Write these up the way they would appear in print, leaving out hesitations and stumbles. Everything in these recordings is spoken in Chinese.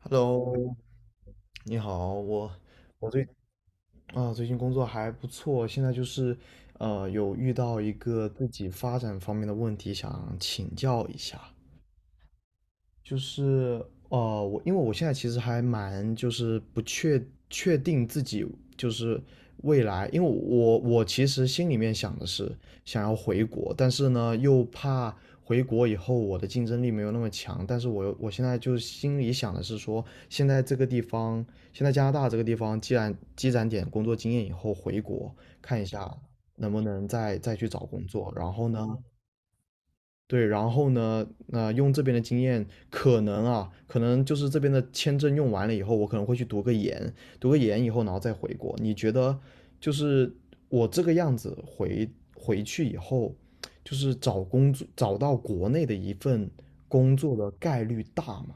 Hello，你好，我我最啊最近工作还不错，现在就是有遇到一个自己发展方面的问题，想请教一下。就是因为我现在其实还蛮就是不确定自己就是未来，因为我其实心里面想的是想要回国，但是呢又怕回国以后我的竞争力没有那么强，但是我现在就是心里想的是说，现在这个地方，现在加拿大这个地方，既然积攒点工作经验以后回国看一下能不能再去找工作，然后呢，对，然后呢，那、用这边的经验，可能就是这边的签证用完了以后，我可能会去读个研，读个研以后，然后再回国。你觉得，就是我这个样子回去以后，就是找工作，找到国内的一份工作的概率大吗？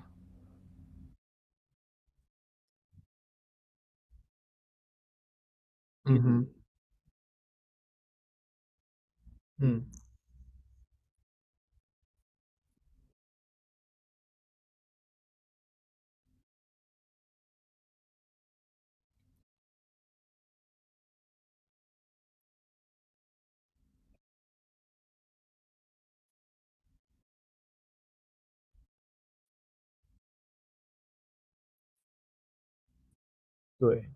对，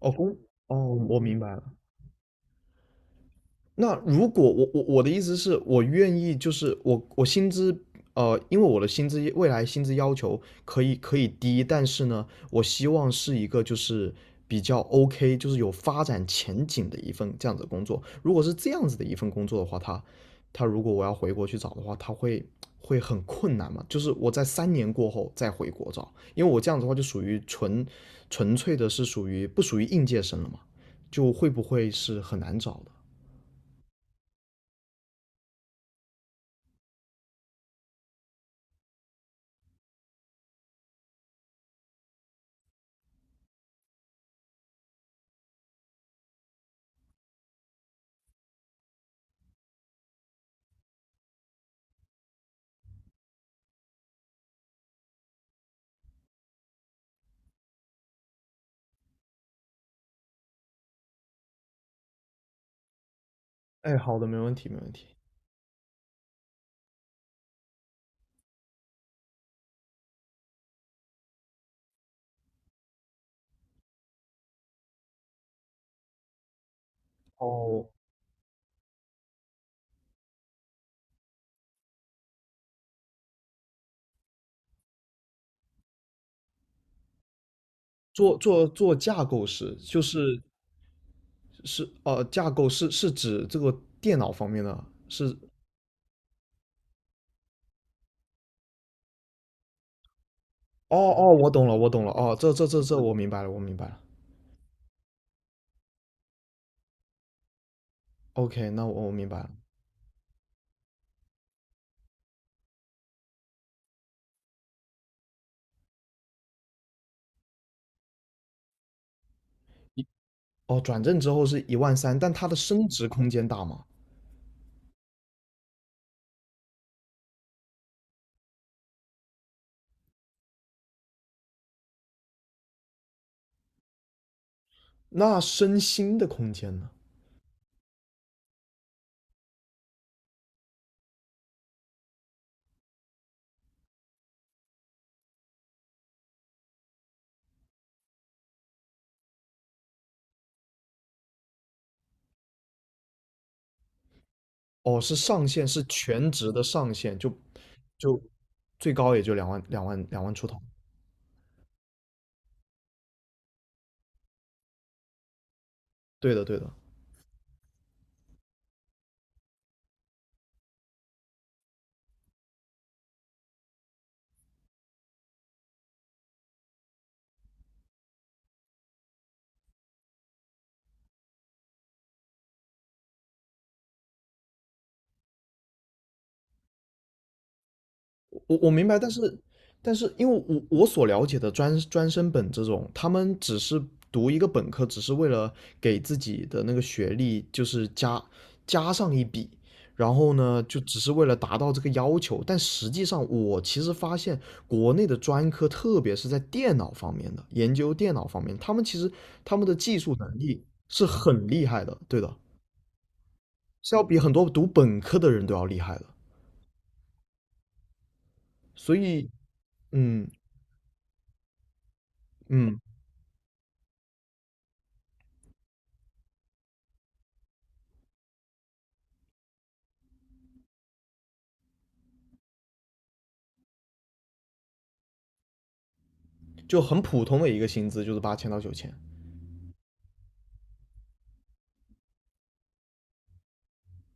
哦，哦，我明白了。那如果我的意思是我愿意，就是我薪资因为我的薪资未来薪资要求可以低，但是呢，我希望是一个就是比较 OK，就是有发展前景的一份这样子的工作。如果是这样子的一份工作的话，他如果我要回国去找的话，他会很困难嘛？就是我在三年过后再回国找，因为我这样子的话就属于纯粹的是属于不属于应届生了嘛？就会不会是很难找的？哎，好的，没问题，没问题。哦，做架构师，就是架构是指这个电脑方面的，是哦哦，我懂了，我懂了，哦，这我明白了，我明白了。OK,那我明白了。哦，转正之后是1.3万，但它的升职空间大吗？那升薪的空间呢？哦，是上限，是全职的上限，就最高也就两万出头。对的，对的。我明白，但是因为我所了解的专升本这种，他们只是读一个本科，只是为了给自己的那个学历就是加上一笔，然后呢，就只是为了达到这个要求。但实际上，我其实发现国内的专科，特别是在电脑方面的研究电脑方面，他们的技术能力是很厉害的，对的，是要比很多读本科的人都要厉害的。所以，嗯嗯。就很普通的一个薪资，就是8000到9000，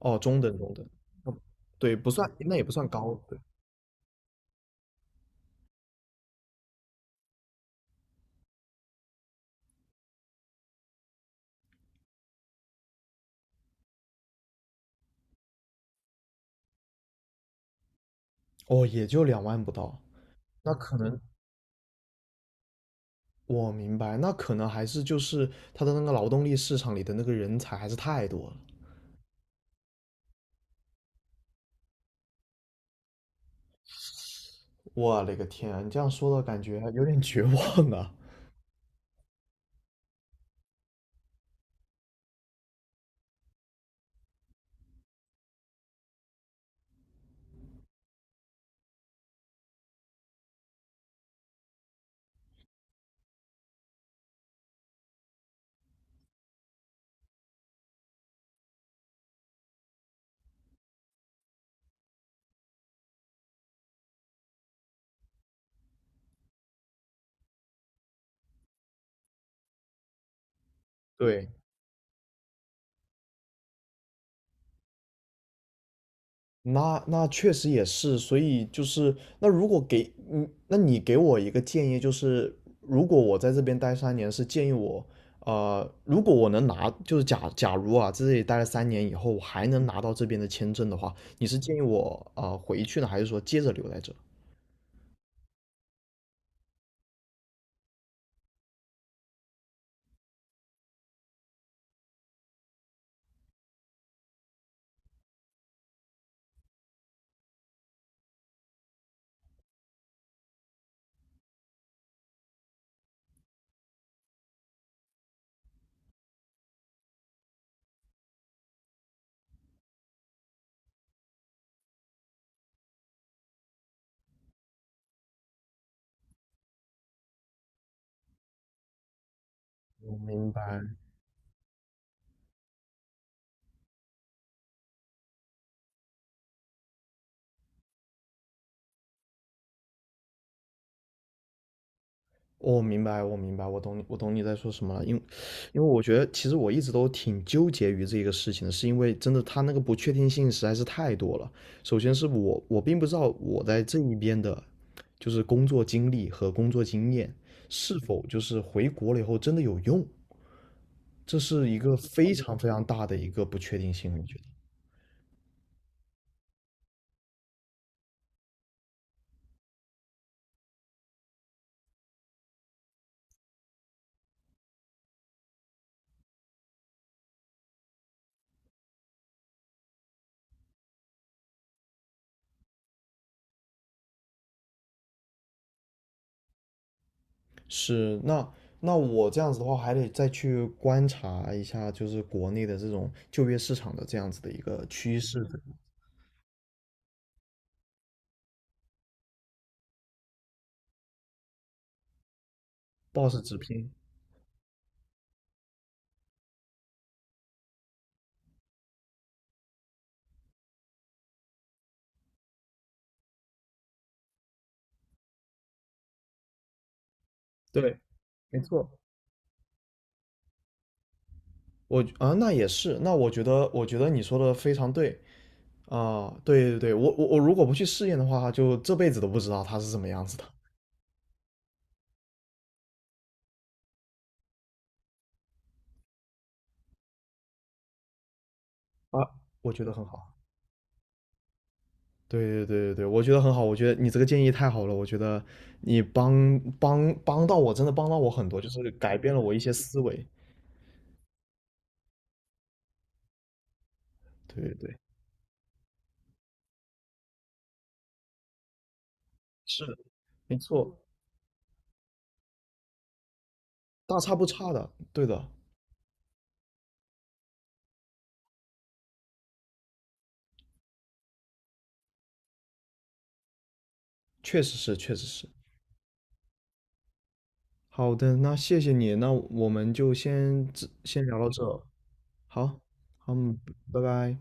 哦，中等中等，哦对，不算，那也不算高，对，哦，也就两万不到，那可能我明白，那可能还是就是他的那个劳动力市场里的那个人才还是太多了，我勒个天啊，你这样说的感觉有点绝望啊，对。那确实也是，所以就是那如果给嗯，那你给我一个建议，就是如果我在这边待三年，是建议我，如果我能拿，就是假如啊，在这里待了三年以后，我还能拿到这边的签证的话，你是建议我啊、回去呢，还是说接着留在这？我明白。我明白，我明白，我懂你，我懂你在说什么了。因为我觉得其实我一直都挺纠结于这个事情的，是因为真的他那个不确定性实在是太多了。首先是我，我并不知道我在这一边的，就是工作经历和工作经验是否就是回国了以后真的有用，这是一个非常非常大的一个不确定性，我觉得。是，那我这样子的话，还得再去观察一下，就是国内的这种就业市场的这样子的一个趋势。BOSS 直拼，对，没错。我啊，那也是，那我觉得你说的非常对啊，对对对，我如果不去试验的话，就这辈子都不知道它是什么样子的啊，我觉得很好。对对对对对，我觉得很好，我觉得你这个建议太好了，我觉得你帮到我，真的帮到我很多，就是改变了我一些思维。对对对，是的，没错，大差不差的，对的，确实是，确实是。好的，那谢谢你，那我们就先这先聊到这。好，好，嗯，拜拜。